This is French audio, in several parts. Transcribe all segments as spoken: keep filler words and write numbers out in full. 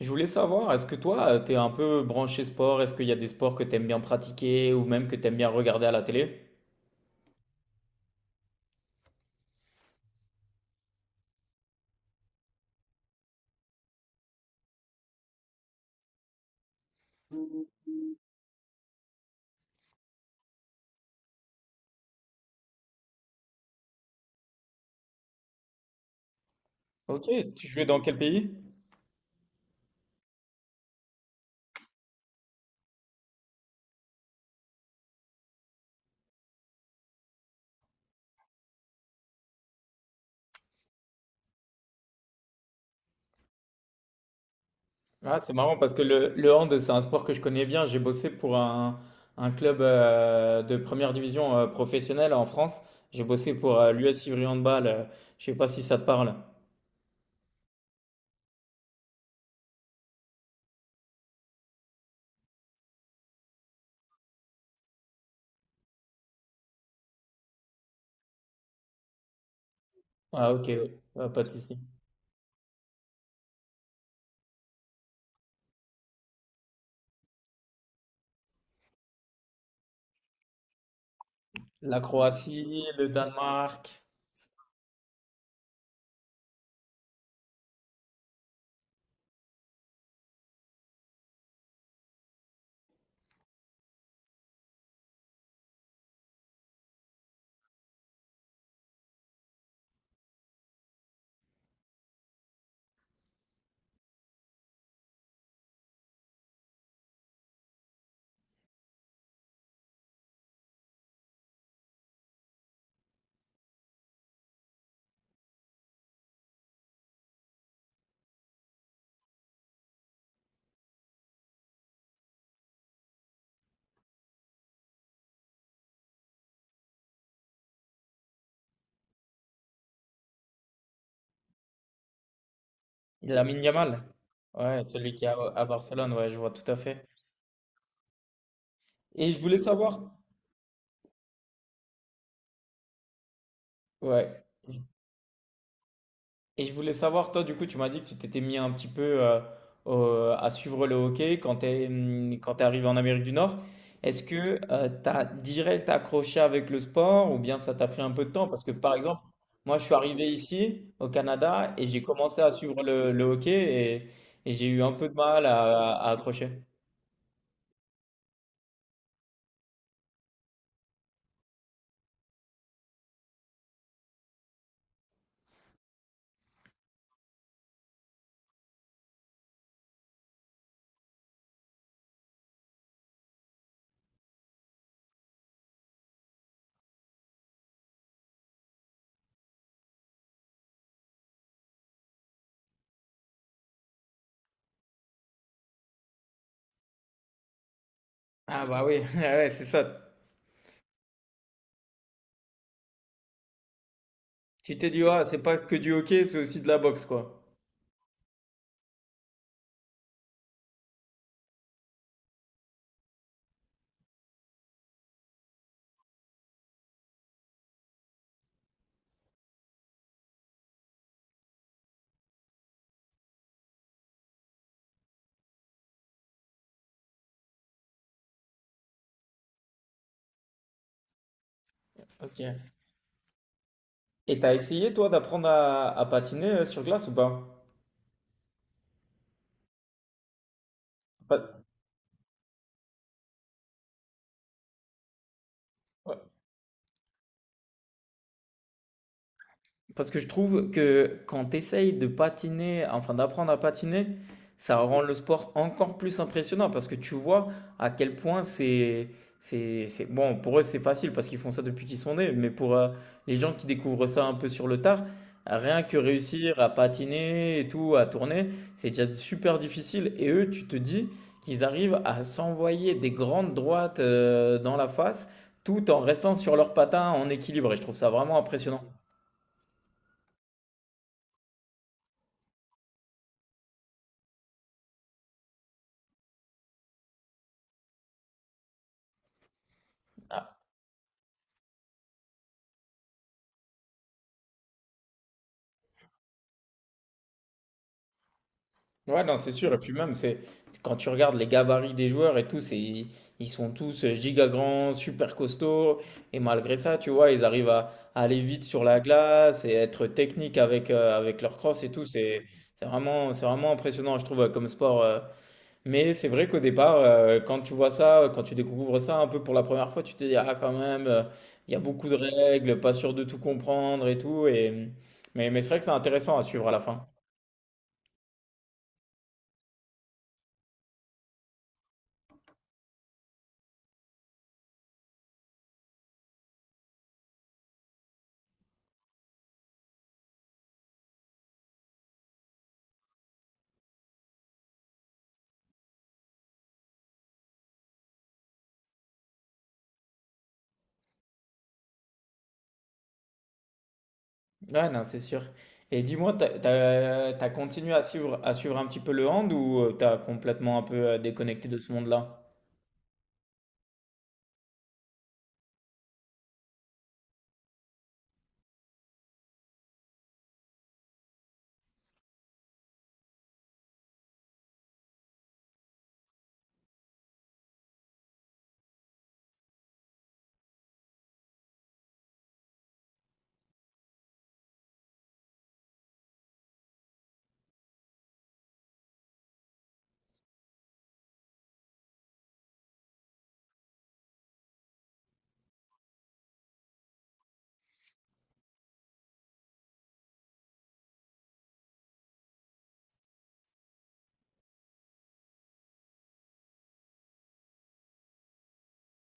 Je voulais savoir, est-ce que toi, euh, t'es un peu branché sport? Est-ce qu'il y a des sports que t'aimes bien pratiquer ou même que t'aimes bien regarder à la télé? Ok, tu jouais dans quel pays? Ah, c'est marrant parce que le, le hand, c'est un sport que je connais bien. J'ai bossé pour un, un club euh, de première division euh, professionnelle en France. J'ai bossé pour l'U S Ivry Handball. Euh, je sais pas si ça te parle. Ah, ok, ouais, ouais, pas de souci. La Croatie, le Danemark, Lamine Yamal. Ouais, celui qui est à, à Barcelone, ouais, je vois tout à fait. Et je voulais savoir. Ouais. Et je voulais savoir, toi, du coup, tu m'as dit que tu t'étais mis un petit peu euh, au- à suivre le hockey quand tu es quand t'es arrivé en Amérique du Nord. Est-ce que euh, t'as direct accroché avec le sport ou bien ça t'a pris un peu de temps? Parce que, par exemple, moi, je suis arrivé ici, au Canada, et j'ai commencé à suivre le, le hockey et, et j'ai eu un peu de mal à, à accrocher. Ah bah oui, ouais, c'est ça. Tu t'es dit, ah, c'est pas que du hockey, c'est aussi de la boxe, quoi. Ok. Et t'as essayé toi d'apprendre à, à patiner euh, sur glace ou pas? Pas- Parce que je trouve que quand tu essayes de patiner, enfin d'apprendre à patiner, ça rend le sport encore plus impressionnant parce que tu vois à quel point c'est, c'est, c'est- bon, pour eux c'est facile parce qu'ils font ça depuis qu'ils sont nés, mais pour euh, les gens qui découvrent ça un peu sur le tard, rien que réussir à patiner et tout, à tourner, c'est déjà super difficile et eux, tu te dis qu'ils arrivent à s'envoyer des grandes droites euh, dans la face tout en restant sur leurs patins en équilibre et je trouve ça vraiment impressionnant. Ouais, non, c'est sûr. Et puis même, c'est quand tu regardes les gabarits des joueurs et tout, c'est ils ils sont tous euh, giga grands, super costauds. Et malgré ça, tu vois, ils arrivent à, à aller vite sur la glace et être techniques avec, euh, avec leur crosse et tout. C'est c'est vraiment, c'est vraiment impressionnant, je trouve, euh, comme sport. euh. Mais c'est vrai qu'au départ, euh, quand tu vois ça, quand tu découvres ça un peu pour la première fois, tu te dis, ah, quand même, euh, il y a beaucoup de règles, pas sûr de tout comprendre et tout. Et... Mais, mais c'est vrai que c'est intéressant à suivre à la fin. Ouais, non, c'est sûr. Et dis-moi, t'as, t'as, t'as continué à suivre, à suivre un petit peu le hand ou euh, t'as complètement un peu euh, déconnecté de ce monde-là?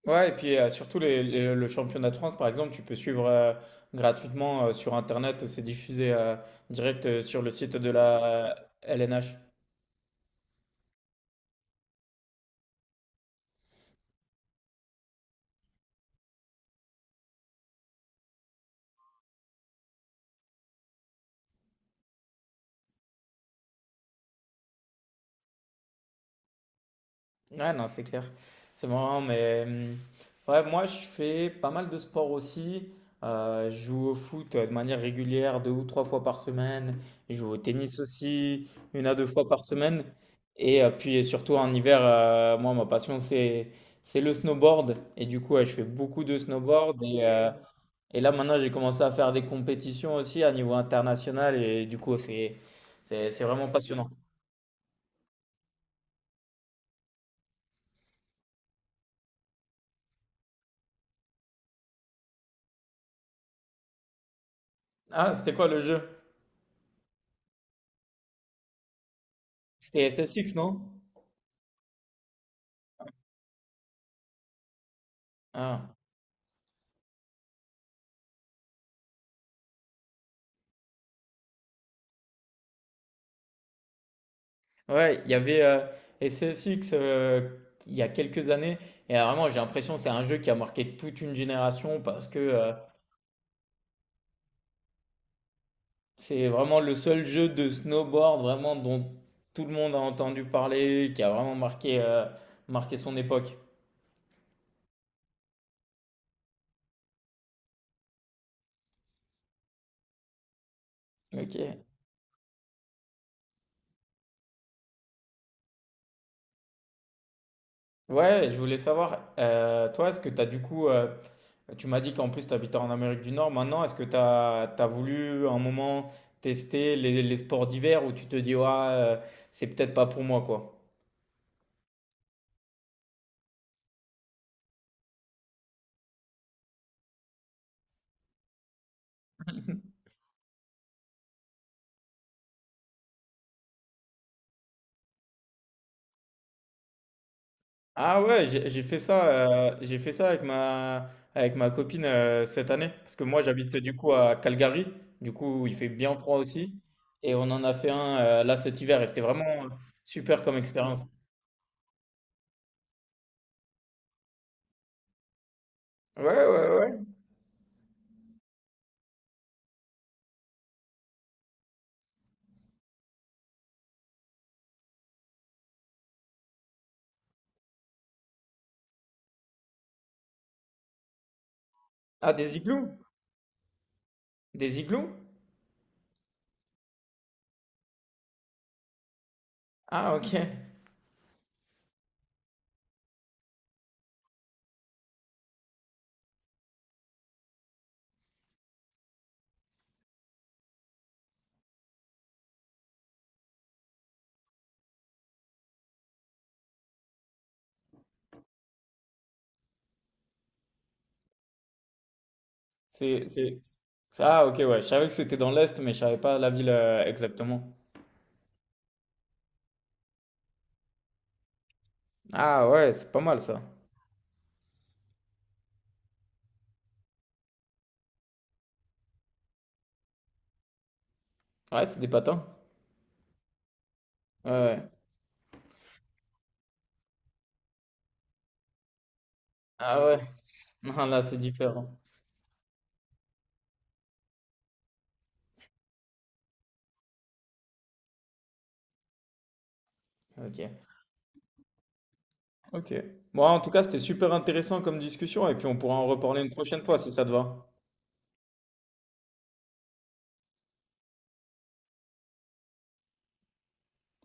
Ouais, et puis euh, surtout les- les- le championnat de France, par exemple, tu peux suivre euh, gratuitement euh, sur Internet, c'est diffusé euh, direct euh, sur le site de la euh, L N H. Ouais, non, c'est clair. C'est marrant, mais euh, ouais, moi, je fais pas mal de sport aussi. Euh, je joue au foot euh, de manière régulière, deux ou trois fois par semaine. Je joue au tennis aussi, une à deux fois par semaine. Et euh, puis, et surtout en hiver, euh, moi, ma passion, c'est c'est le snowboard. Et du coup, ouais, je fais beaucoup de snowboard. Et, euh, et là, maintenant, j'ai commencé à faire des compétitions aussi à niveau international. Et du coup, c'est c'est c'est vraiment passionnant. Ah, c'était quoi le jeu? C'était S S X, non? Ah. Ouais, il y avait euh, S S X euh, il y a quelques années, et euh, vraiment j'ai l'impression que c'est un jeu qui a marqué toute une génération parce que euh, c'est vraiment le seul jeu de snowboard vraiment dont tout le monde a entendu parler, qui a vraiment marqué, euh, marqué son époque. Ok. Ouais, je voulais savoir, euh, toi, est-ce que tu as du coup, euh, tu m'as dit qu'en plus tu habitais en Amérique du Nord, maintenant, est-ce que tu as voulu un moment tester les, les sports d'hiver où tu te dis, ouais, euh, c'est peut-être pas pour moi, quoi? Ah ouais, j'ai j'ai fait ça, euh, j'ai fait ça avec ma, avec ma copine euh, cette année. Parce que moi, j'habite du coup à Calgary. Du coup, il fait bien froid aussi. Et on en a fait un euh, là cet hiver. Et c'était vraiment euh, super comme expérience. Ouais, ouais, ouais. Ah, des igloos? Des igloos? Ah, ok. C'est, c'est... Ça, ah, ok, ouais. Je savais que c'était dans l'Est, mais je savais pas la ville euh, exactement. Ah ouais, c'est pas mal ça. Ouais, c'est des patins. Ouais. Ouais. Ah ouais. Non, là, c'est différent. Ok. Ok. Moi, en tout cas, c'était super intéressant comme discussion et puis on pourra en reparler une prochaine fois si ça te va.